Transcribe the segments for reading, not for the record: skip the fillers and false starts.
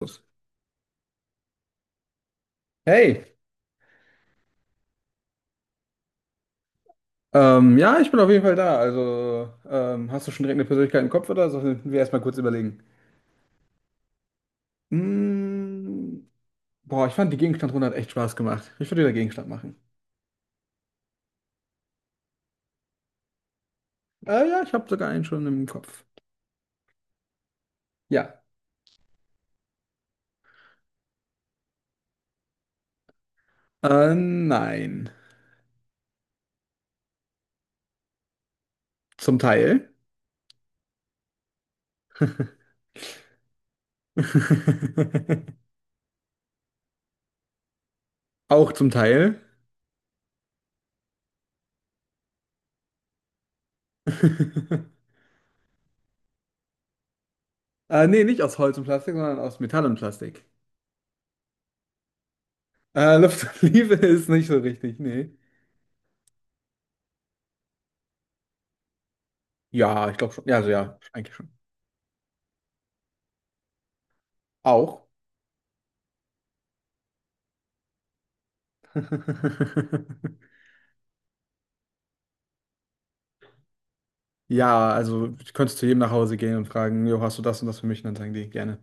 Los. Hey, ja, ich bin auf jeden Fall da. Also, hast du schon direkt eine Persönlichkeit im Kopf oder sollen wir erstmal kurz überlegen? Mm, boah, ich fand die Gegenstandrunde hat echt Spaß gemacht. Ich würde wieder Gegenstand machen. Ja, ich habe sogar einen schon im Kopf. Ja. Nein. Zum Teil. Auch zum Teil. Nee, nicht aus Holz und Plastik, sondern aus Metall und Plastik. Luft und Liebe ist nicht so richtig, nee. Ja, ich glaube schon. Ja, also ja, eigentlich schon. Auch. Ja, also du könntest zu jedem nach Hause gehen und fragen: Jo, hast du das und das für mich? Und dann sagen die: Gerne.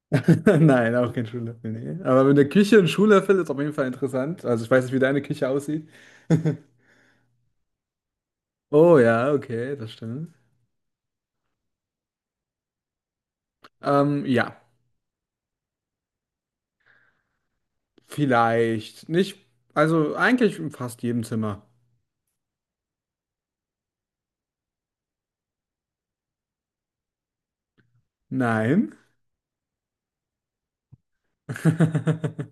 Nein, auch kein Schuhlöffel, nee. Aber mit der Küche ein Schuhlöffel ist auf jeden Fall interessant. Also ich weiß nicht, wie deine Küche aussieht. Oh ja, okay, das stimmt. Ja, vielleicht nicht. Also eigentlich in fast jedem Zimmer. Nein.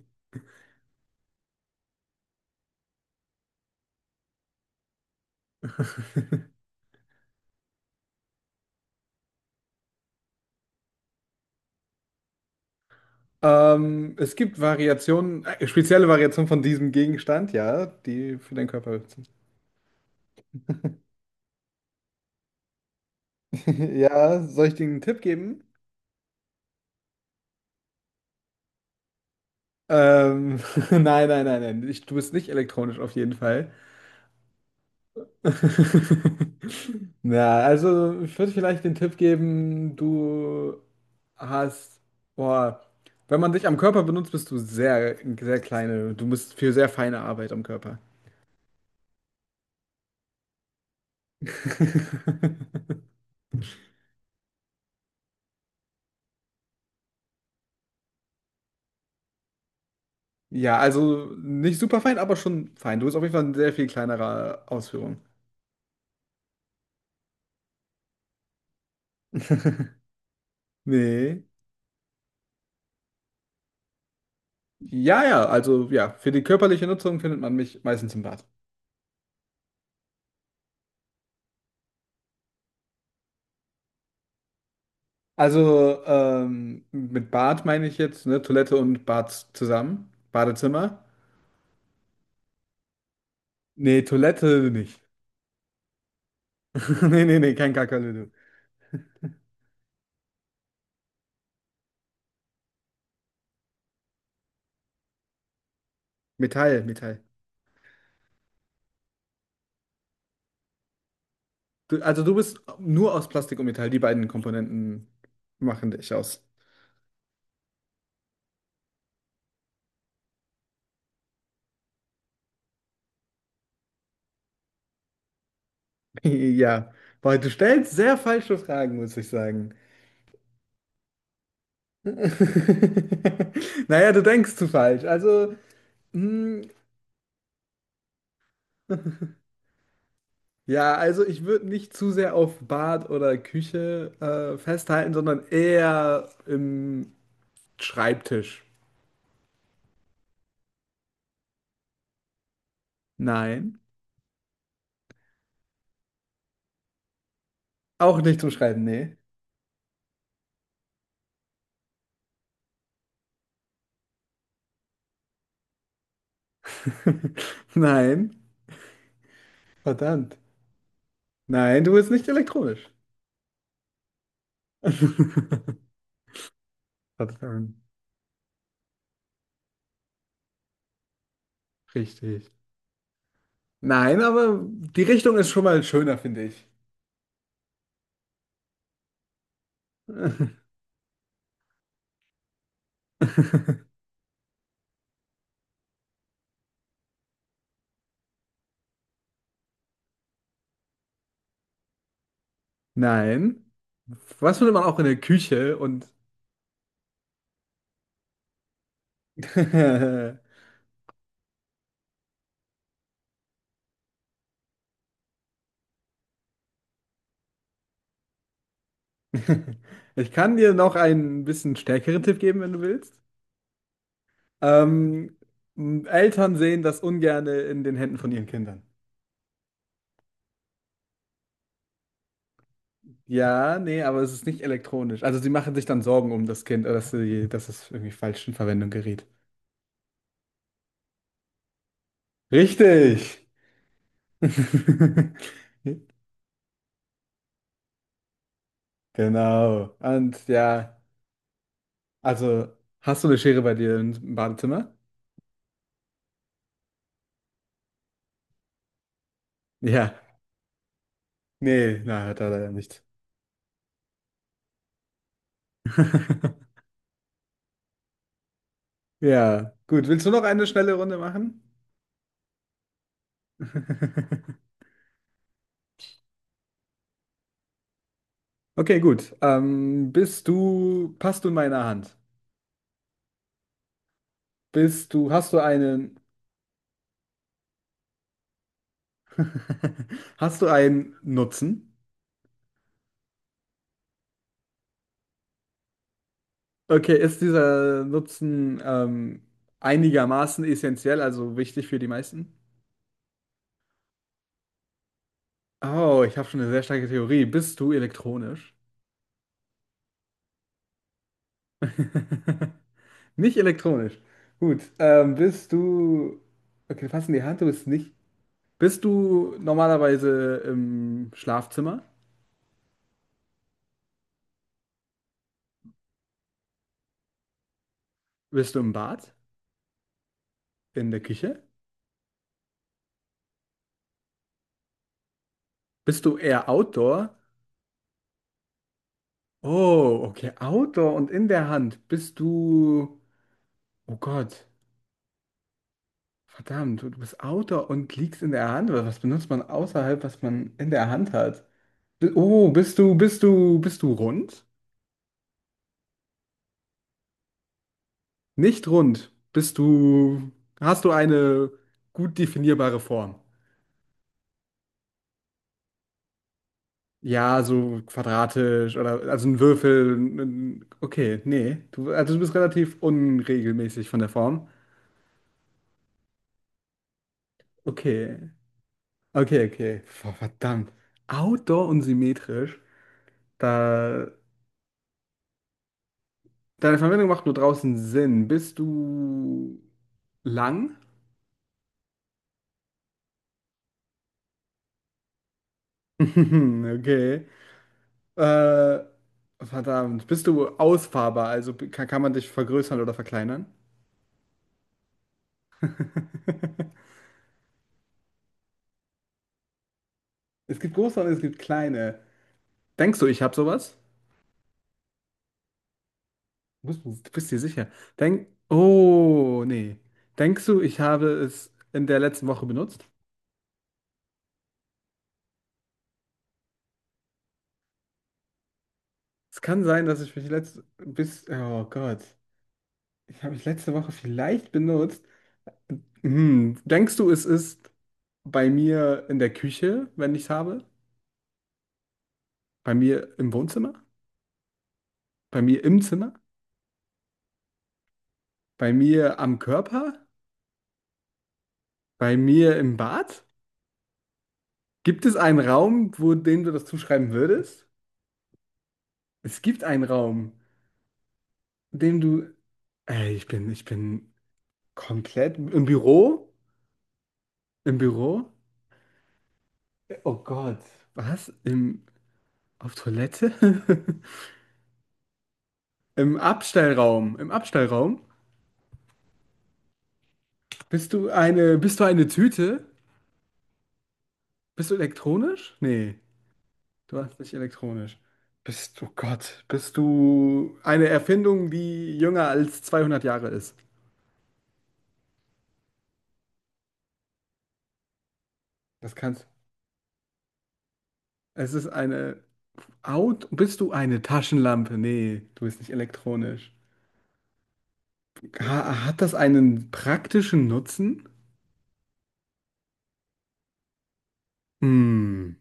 Es gibt Variationen, spezielle Variationen von diesem Gegenstand, ja, die für deinen Körper sind. Ja, soll ich dir einen Tipp geben? Ähm, nein, nein, nein, nein. Ich, du bist nicht elektronisch auf jeden Fall. Na, also ich würde vielleicht den Tipp geben, du hast, boah, wenn man dich am Körper benutzt, bist du sehr, sehr kleine. Du bist für sehr feine Arbeit am Körper. Ja, also nicht super fein, aber schon fein. Du bist auf jeden Fall in sehr viel kleinerer Ausführung. Nee. Ja, ja, also ja, für die körperliche Nutzung findet man mich meistens im Bad. Also mit Bad meine ich jetzt, ne? Toilette und Bad zusammen. Badezimmer. Nee, Toilette nicht. Nee, nee, nee, kein Kakerlöwe. Metall, Metall. Du, also du bist nur aus Plastik und Metall. Die beiden Komponenten machen dich aus. Ja, weil du stellst sehr falsche Fragen, muss ich sagen. Naja, du denkst zu falsch. Also, hm, ja, also ich würde nicht zu sehr auf Bad oder Küche festhalten, sondern eher im Schreibtisch. Nein. Auch nicht zum Schreiben, nee. Nein. Verdammt. Nein, du bist nicht elektronisch. Verdammt. Richtig. Nein, aber die Richtung ist schon mal schöner, finde ich. Nein. Was findet man auch in der Küche? Und ich kann dir noch einen bisschen stärkeren Tipp geben, wenn du willst. Ähm, Eltern sehen das ungerne in den Händen von ihren Kindern. Ja, nee, aber es ist nicht elektronisch. Also sie machen sich dann Sorgen um das Kind, dass sie, dass es irgendwie falsch in Verwendung gerät. Richtig! Genau. Und ja, also hast du eine Schere bei dir im Badezimmer? Ja. Nee, na, hat er leider nicht. Ja, gut. Willst du noch eine schnelle Runde machen? Okay, gut. Bist du, passt du in meiner Hand? Bist du, hast du einen, hast du einen Nutzen? Okay, ist dieser Nutzen einigermaßen essentiell, also wichtig für die meisten? Oh, ich habe schon eine sehr starke Theorie. Bist du elektronisch? Nicht elektronisch. Gut, bist du... Okay, fass in die Hand, du bist nicht... Bist du normalerweise im Schlafzimmer? Bist du im Bad? In der Küche? Bist du eher Outdoor? Oh, okay, Outdoor und in der Hand. Bist du... Oh Gott. Verdammt, du bist Autor und liegst in der Hand. Was benutzt man außerhalb, was man in der Hand hat? Oh, bist du rund? Nicht rund. Hast du eine gut definierbare Form? Ja, so quadratisch oder also ein Würfel. Okay, nee. Du, also du bist relativ unregelmäßig von der Form. Okay. Okay, okay. Verdammt. Outdoor und symmetrisch. Da. Deine Verwendung macht nur draußen Sinn. Bist du lang? Okay. Äh, Verdammt. Bist du ausfahrbar? Also kann man dich vergrößern oder verkleinern? Es gibt große und es gibt kleine. Denkst du, ich habe sowas? Bist du bist dir sicher? Denk. Oh, nee. Denkst du, ich habe es in der letzten Woche benutzt? Es kann sein, dass ich mich letzte bis. Oh Gott. Ich habe mich letzte Woche vielleicht benutzt. Hm, denkst du, es ist bei mir in der Küche, wenn ich es habe? Bei mir im Wohnzimmer? Bei mir im Zimmer? Bei mir am Körper? Bei mir im Bad? Gibt es einen Raum, wo dem du das zuschreiben würdest? Es gibt einen Raum, in dem du. Ey, ich bin komplett im Büro? Im Büro? Oh Gott, was? Im, auf Toilette? Im Abstellraum? Im Abstellraum? Bist du eine Tüte? Bist du elektronisch? Nee, du warst nicht elektronisch. Bist du Gott? Bist du eine Erfindung, die jünger als 200 Jahre ist? Das kannst. Es ist eine Out. Bist du eine Taschenlampe? Nee, du bist nicht elektronisch. Ha hat das einen praktischen Nutzen? Hm.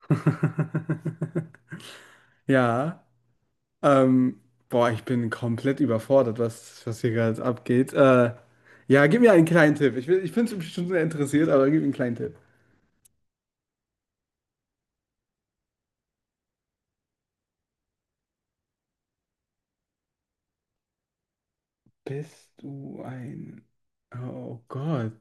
Ja. Ähm, boah, ich bin komplett überfordert, was hier gerade abgeht. Ja, gib mir einen kleinen Tipp. Ich bin schon sehr interessiert, aber gib mir einen kleinen Tipp. Bist du ein... Oh Gott.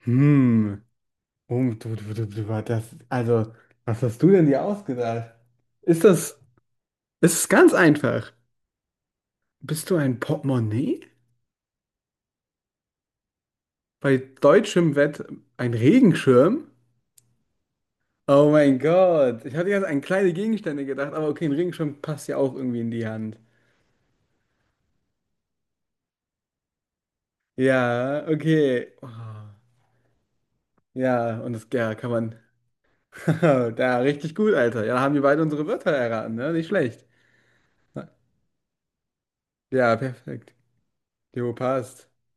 Hm. Oh, das, also, was hast du denn dir ausgedacht? Ist das, ist es ist ganz einfach. Bist du ein Portemonnaie? Bei deutschem Wett ein Regenschirm? Oh mein Gott. Ich hatte jetzt an kleine Gegenstände gedacht, aber okay, ein Regenschirm passt ja auch irgendwie in die Hand. Ja, okay. Oh, ja, und das, ja, kann man. Da, richtig gut, Alter. Ja, da haben wir beide unsere Wörter erraten, ne? Nicht schlecht. Ja, perfekt. Jo, passt.